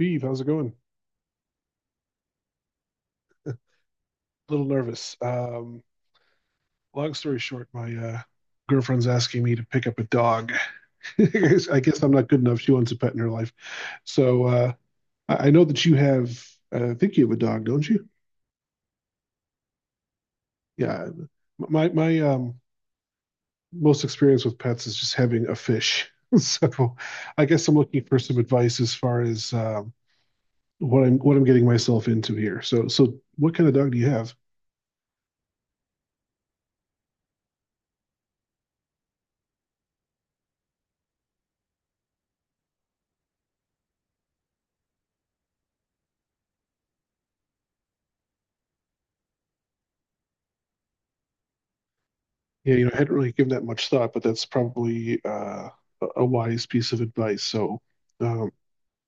Beeve, how's it going? A little nervous. Long story short, my girlfriend's asking me to pick up a dog. I guess I'm not good enough. She wants a pet in her life. So I know that you have, I think you have a dog, don't you? Yeah. My most experience with pets is just having a fish. So I guess I'm looking for some advice as far as what I'm getting myself into here. So what kind of dog do you have? Yeah, you know, I hadn't really given that much thought, but that's probably a wise piece of advice. So, um,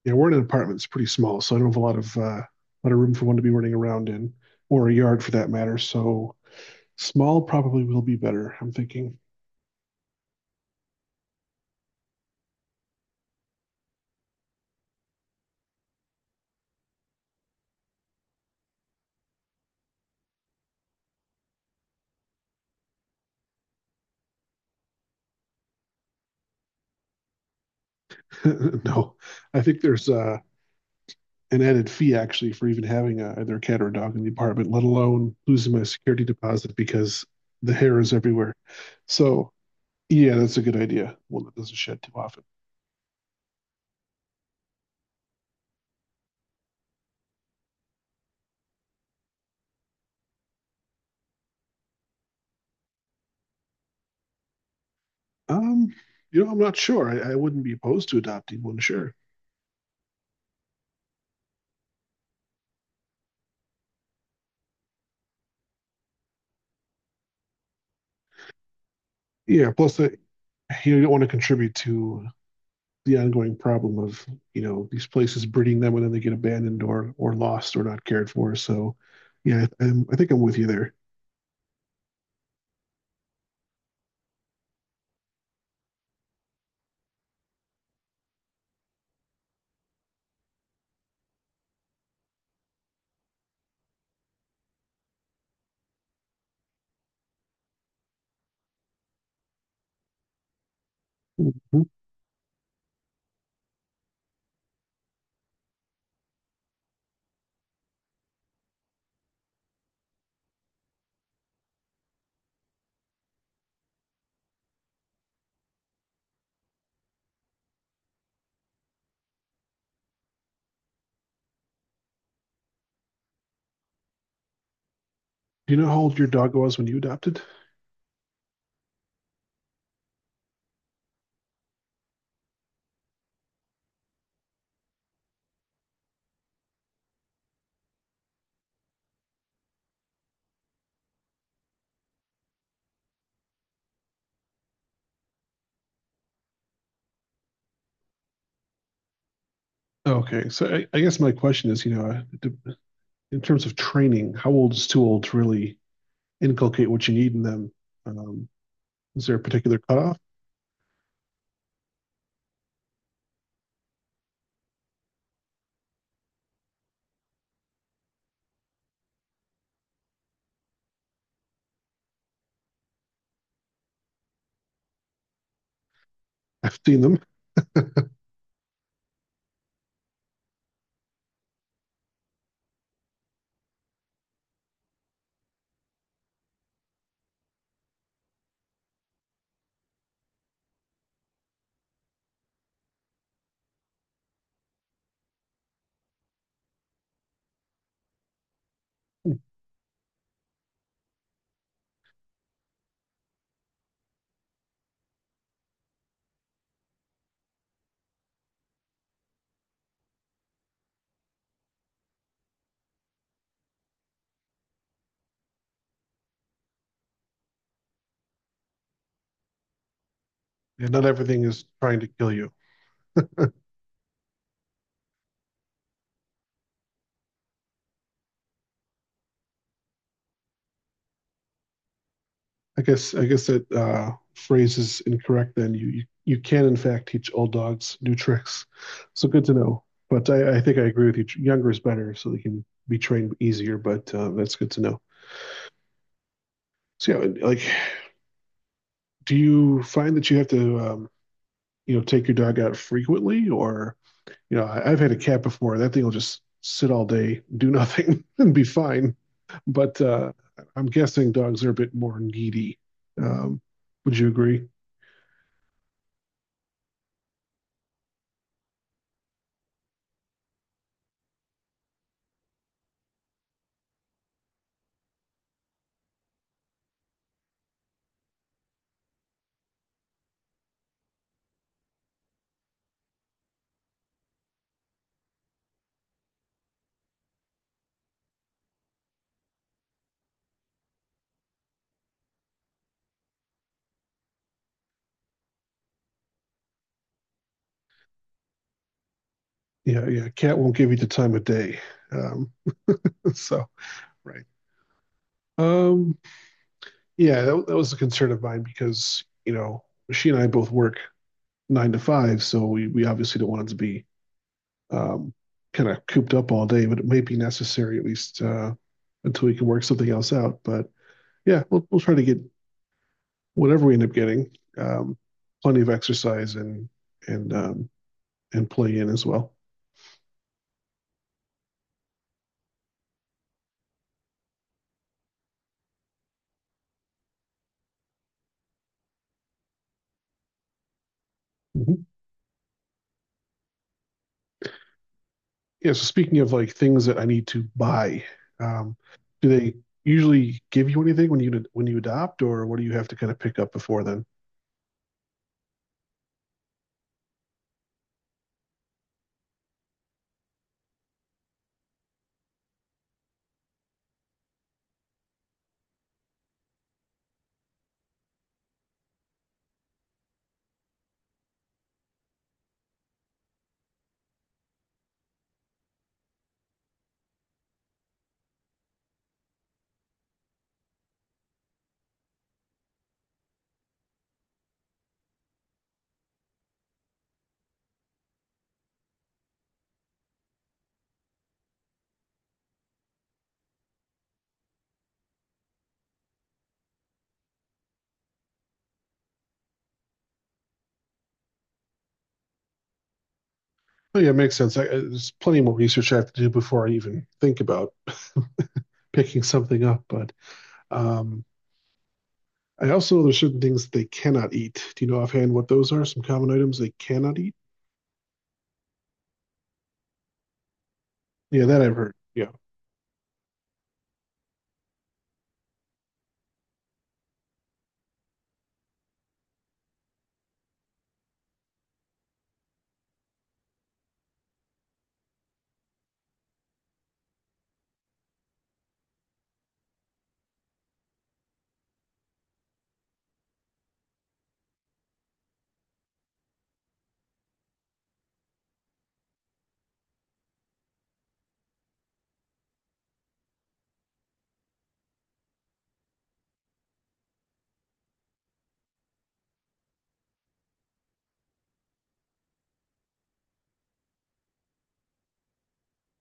yeah, we're in an apartment; it's pretty small, so I don't have a lot of room for one to be running around in, or a yard for that matter. So, small probably will be better. I'm thinking. No, I think there's an added fee actually for even having a, either a cat or a dog in the apartment, let alone losing my security deposit because the hair is everywhere. So, yeah, that's a good idea. One that doesn't shed too often. Um, you know, I'm not sure. I wouldn't be opposed to adopting one, sure. Yeah, plus you don't want to contribute to the ongoing problem of, you know, these places breeding them and then they get abandoned or lost or not cared for. So, yeah, I think I'm with you there. Mhm. Do you know how old your dog was when you adopted? Okay, so I guess my question is, you know, in terms of training, how old is too old to really inculcate what you need in them? Um, is there a particular cutoff? I've seen them, and not everything is trying to kill you. I guess that phrase is incorrect. Then you, you can in fact teach old dogs new tricks. So good to know. But I think I agree with you. Younger is better, so they can be trained easier. But that's good to know. So yeah, like, do you find that you have to you know take your dog out frequently, or you know I've had a cat before. That thing will just sit all day, do nothing, and be fine. But I'm guessing dogs are a bit more needy. Um, would you agree? Yeah, yeah. Cat won't give you the time of day. Um, so right. Um, yeah, that was a concern of mine because you know she and I both work 9 to 5, so we obviously don't want it to be um, kind of cooped up all day, but it may be necessary at least until we can work something else out. But yeah, we'll try to get whatever we end up getting, um, plenty of exercise and and and play in as well. Mhm. Yeah, so speaking of like things that I need to buy, um, do they usually give you anything when you adopt, or what do you have to kind of pick up before then? Oh, yeah, it makes sense. There's plenty more research I have to do before I even think about picking something up. But um, I also know there's certain things they cannot eat. Do you know offhand what those are? Some common items they cannot eat? Yeah, that I've heard. Yeah.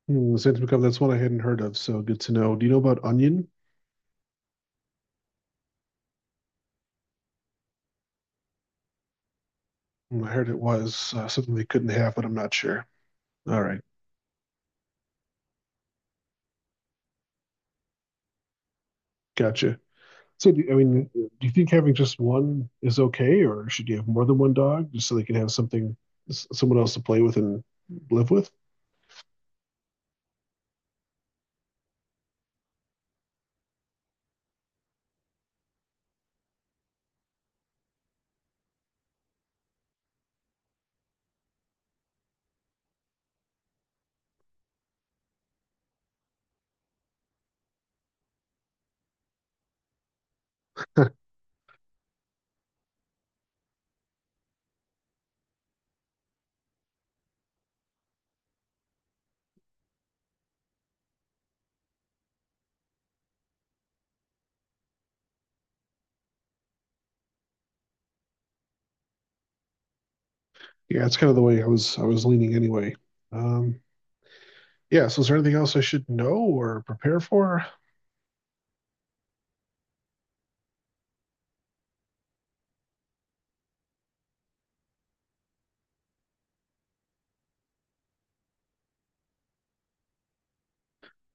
Hmm, since become that's one I hadn't heard of, so good to know. Do you know about onion? Hmm, I heard it was something they couldn't have, but I'm not sure. All right, gotcha. So, do, I mean, do you think having just one is okay, or should you have more than one dog just so they can have something, someone else to play with and live with? Yeah, it's kind of the way I was leaning anyway. Um, yeah. So, is there anything else I should know or prepare for?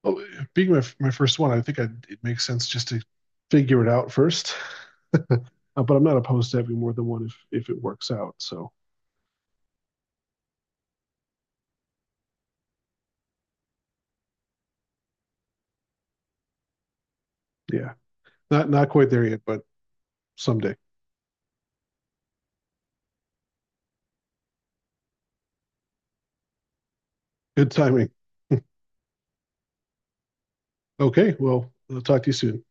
Well, being my my first one, it makes sense just to figure it out first. But I'm not opposed to having more than one if it works out. So, yeah, not quite there yet, but someday. Good timing. Okay. Well, I'll talk to you soon.